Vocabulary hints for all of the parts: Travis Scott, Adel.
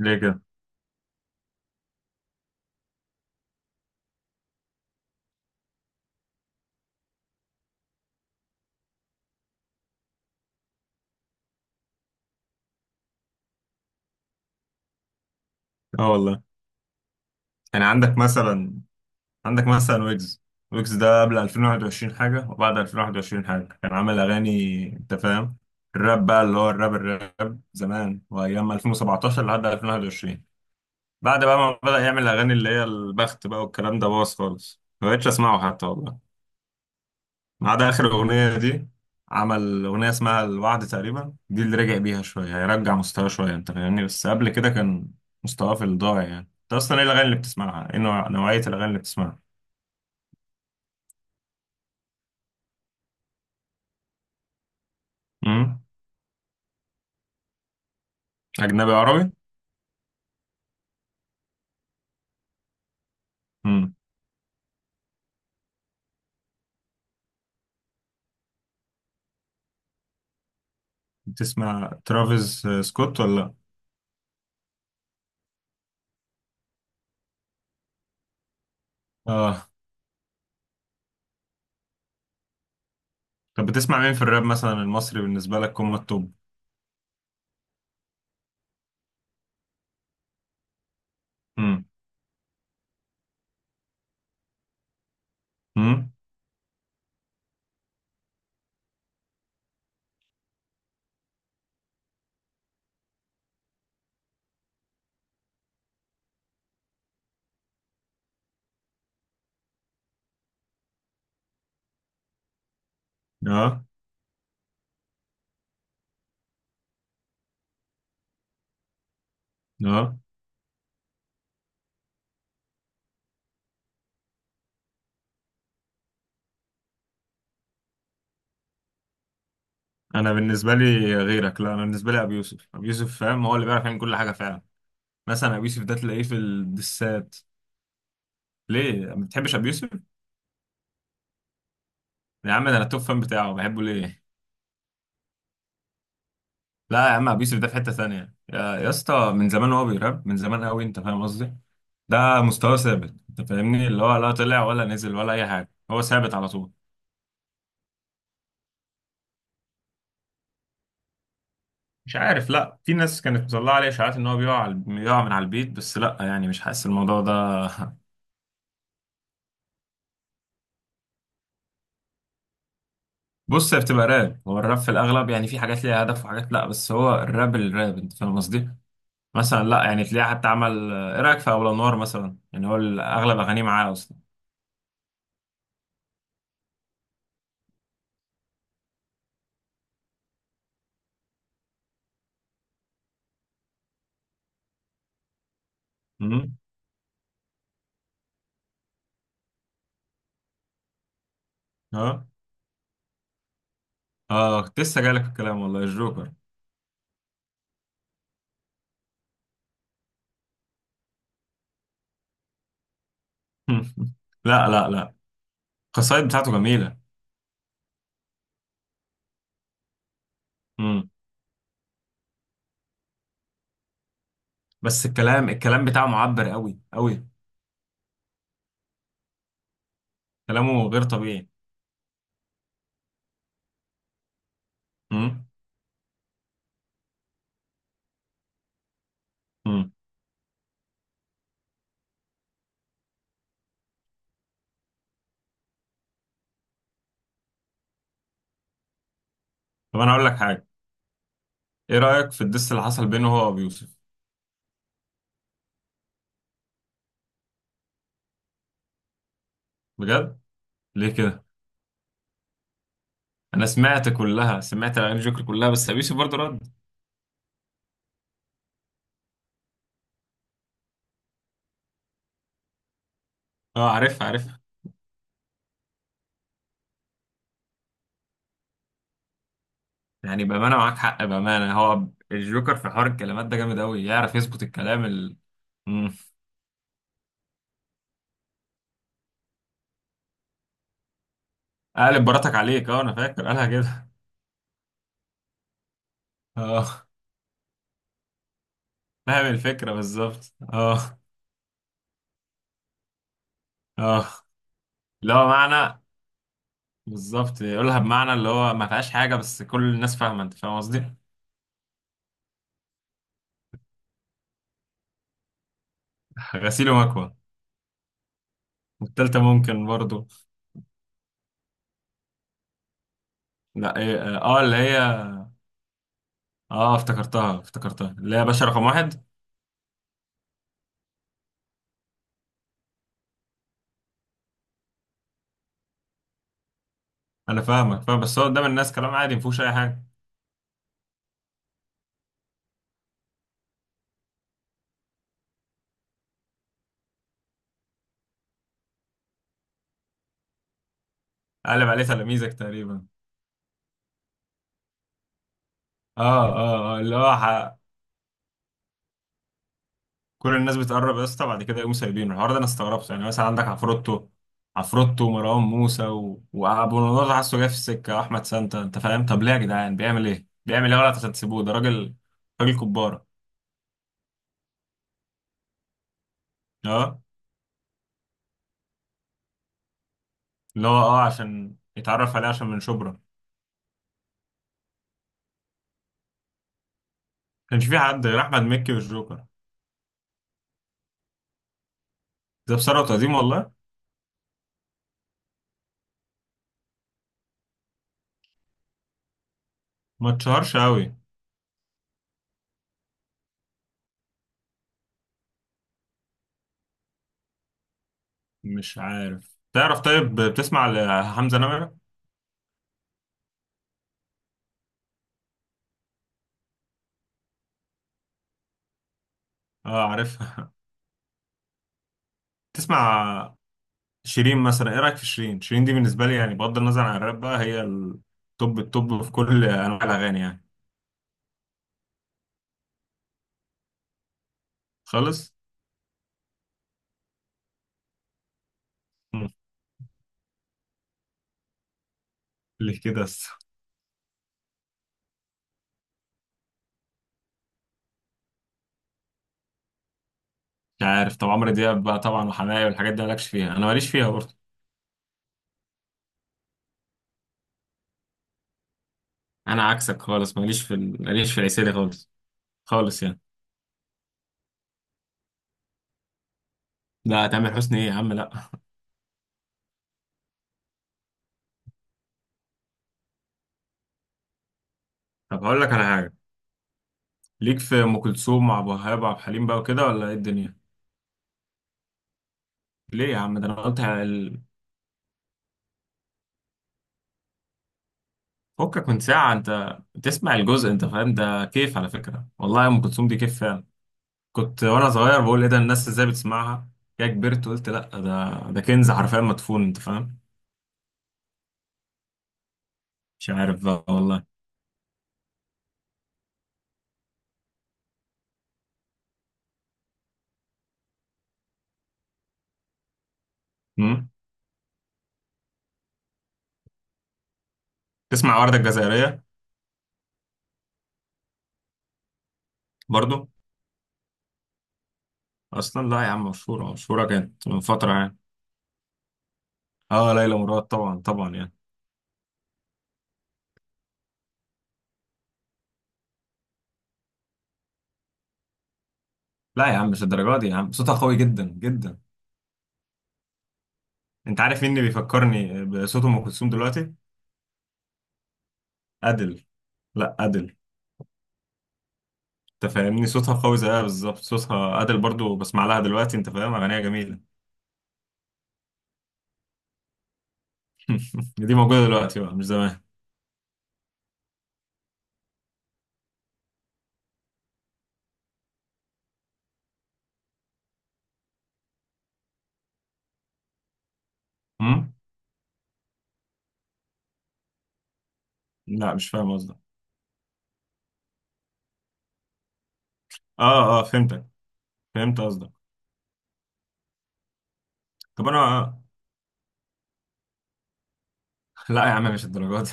ليه كده؟ اه والله. يعني عندك مثلا ويجز ده قبل 2021 حاجة، وبعد 2021 حاجة. كان عامل أغاني، أنت فاهم؟ الراب بقى، اللي هو الراب زمان، وأيام 2017 لحد 2021. بعد بقى ما بدأ يعمل أغاني اللي هي البخت بقى، والكلام ده باظ خالص، ما بقتش أسمعه حتى، والله. ما عدا آخر أغنية دي، عمل أغنية اسمها الوعد تقريبا، دي اللي رجع بيها شوية، هيرجع مستواه شوية، أنت فاهمني؟ بس قبل كده كان مستواه في الضاع، يعني. أنت أصلا إيه الأغاني اللي بتسمعها؟ إيه نوعية الأغاني اللي بتسمعها؟ امم أجنبي عربي؟ امم بتسمع ترافيس سكوت ولا لأ؟ آه. طب بتسمع مين في الراب مثلا المصري، بالنسبة لك هم التوب؟ امم امم آه. آه. أنا بالنسبة لي غيرك، لا أنا بالنسبة لي أبي يوسف، أبي يوسف، فاهم؟ هو اللي بيعرف يعمل كل حاجة فعلا. مثلا أبي يوسف ده تلاقيه في الدسات. ليه ما بتحبش ابو يوسف؟ يا عم ده انا توب فان بتاعه، بحبه ليه. لا يا عم، ابو يوسف ده في حته ثانيه، يا اسطى، من زمان هو بيراب، من زمان قوي، انت فاهم قصدي. ده مستواه ثابت، انت فاهمني، اللي هو لا طلع ولا نزل ولا اي حاجه، هو ثابت على طول. مش عارف، لا في ناس كانت مطلعه عليه اشاعات ان هو بيقع من على البيت، بس لا يعني مش حاسس الموضوع ده. بص هي بتبقى راب، هو الراب في الاغلب يعني في حاجات ليها هدف وحاجات لا، بس هو الراب، الراب، انت فاهم قصدي. مثلا لا يعني تلاقيه حتى عمل ايه رايك في اول انوار مثلا، يعني هو اغلب اغانيه معاه. اصلا. اه اه، كنت لسه جايلك في الكلام، والله الجوكر. لا لا لا. القصايد بتاعته جميلة. مم. بس الكلام بتاعه معبر قوي قوي. كلامه غير طبيعي. مم. مم. طب انا اقول لك حاجة، ايه رأيك في الدس اللي حصل بينه هو وابي يوسف؟ بجد؟ ليه كده؟ انا سمعت كلها، سمعت اغاني الجوكر كلها، بس ابي يوسف برضه رد. اه عارفها، عارفها. يعني بأمانة معاك حق، بأمانة هو الجوكر في حوار الكلمات ده جامد قوي، يعرف يظبط الكلام. مم. قالب براتك عليك، اه انا فاكر قالها كده. اه فاهم الفكرة بالظبط، اه. اه اللي هو معنى، بالظبط يقولها بمعنى اللي هو ما فيهاش حاجة، بس كل الناس فاهمة، انت فاهم قصدي؟ غسيل ومكوى. والتالتة ممكن برضو. لا ايه، اه، اللي هي، اه افتكرتها، افتكرتها اللي هي باشا رقم واحد. انا فاهمك فاهم، بس هو قدام الناس كلام عادي مفهوش اي حاجة. قلب عليه تلاميذك تقريبا. اه اه اه، اللي هو كل الناس بتقرب يا اسطى، بعد كده يقوموا سايبينه. الحوار ده انا استغربته، يعني مثلا عندك عفروتو ومروان موسى وابو النضر، حاسه جاي في السكه، احمد سانتا، انت فاهم. طب ليه يا جدعان؟ بيعمل ايه، بيعمل ايه غلط عشان تسيبوه؟ ده راجل، راجل كباره. اه، اللي هو عشان يتعرف عليه، عشان من شبرا. ما كانش في حد غير احمد مكي والجوكر. ده بثروه وتقديم والله. ما اتشهرش قوي. مش عارف، تعرف؟ طيب بتسمع لحمزه نمره؟ اه عارفها. تسمع شيرين مثلا؟ ايه رايك في شيرين؟ شيرين دي بالنسبه لي يعني، بغض النظر عن الراب بقى، هي التوب التوب في كل انواع الاغاني يعني. خالص. مم. ليه كده بس؟ مش عارف. طب عمرو دياب بقى طبعا وحماية والحاجات دي مالكش فيها؟ انا ماليش فيها برضه. انا عكسك خالص، ماليش في العسيلي خالص. خالص يعني. لا تامر حسني ايه يا عم، لا. طب هقول لك على حاجه، ليك في ام كلثوم وعبد الوهاب وعبد الحليم بقى وكده ولا ايه الدنيا؟ ليه يا عم؟ ده انا قلت على فكك من ساعه انت، تسمع الجزء انت فاهم ده كيف، على فكره والله ام كلثوم دي كيف فعلا. كنت وانا صغير بقول ايه ده، الناس ازاي بتسمعها. كده كبرت، قلت لا، ده كنز حرفيا مدفون، انت فاهم. مش عارف بقى والله. امم تسمع وردة الجزائرية؟ برضو. اصلا لا يا عم، مشهورة مشهورة، كانت من فترة يعني. اه ليلى مراد، طبعا طبعا، يعني. لا يا عم مش الدرجة دي يا عم، صوتها قوي جدا جدا. انت عارف مين اللي بيفكرني بصوت ام كلثوم دلوقتي؟ ادل. لا ادل. انت فاهمني؟ صوتها قوي زيها بالظبط، صوتها ادل برضو، بسمع لها دلوقتي، انت فاهم، اغانيها جميلة. دي موجودة دلوقتي بقى، مش زمان. امم لا مش فاهم قصدك. اه اه فهمتك. فهمت قصدك. طب انا لا يا عم مش الدرجات دي.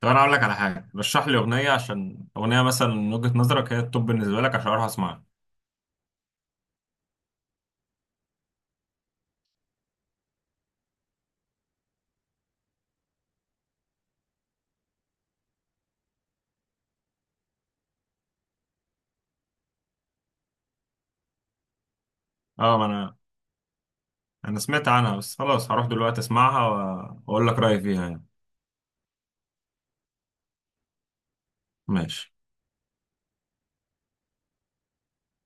طب انا اقول لك على حاجه، رشح لي اغنيه، عشان اغنيه مثلا من وجهه نظرك هي التوب بالنسبه لك، عشان اروح اسمعها. اه ما انا انا سمعت عنها، بس خلاص هروح دلوقتي اسمعها، واقول لك رايي فيها يعني. ماشي.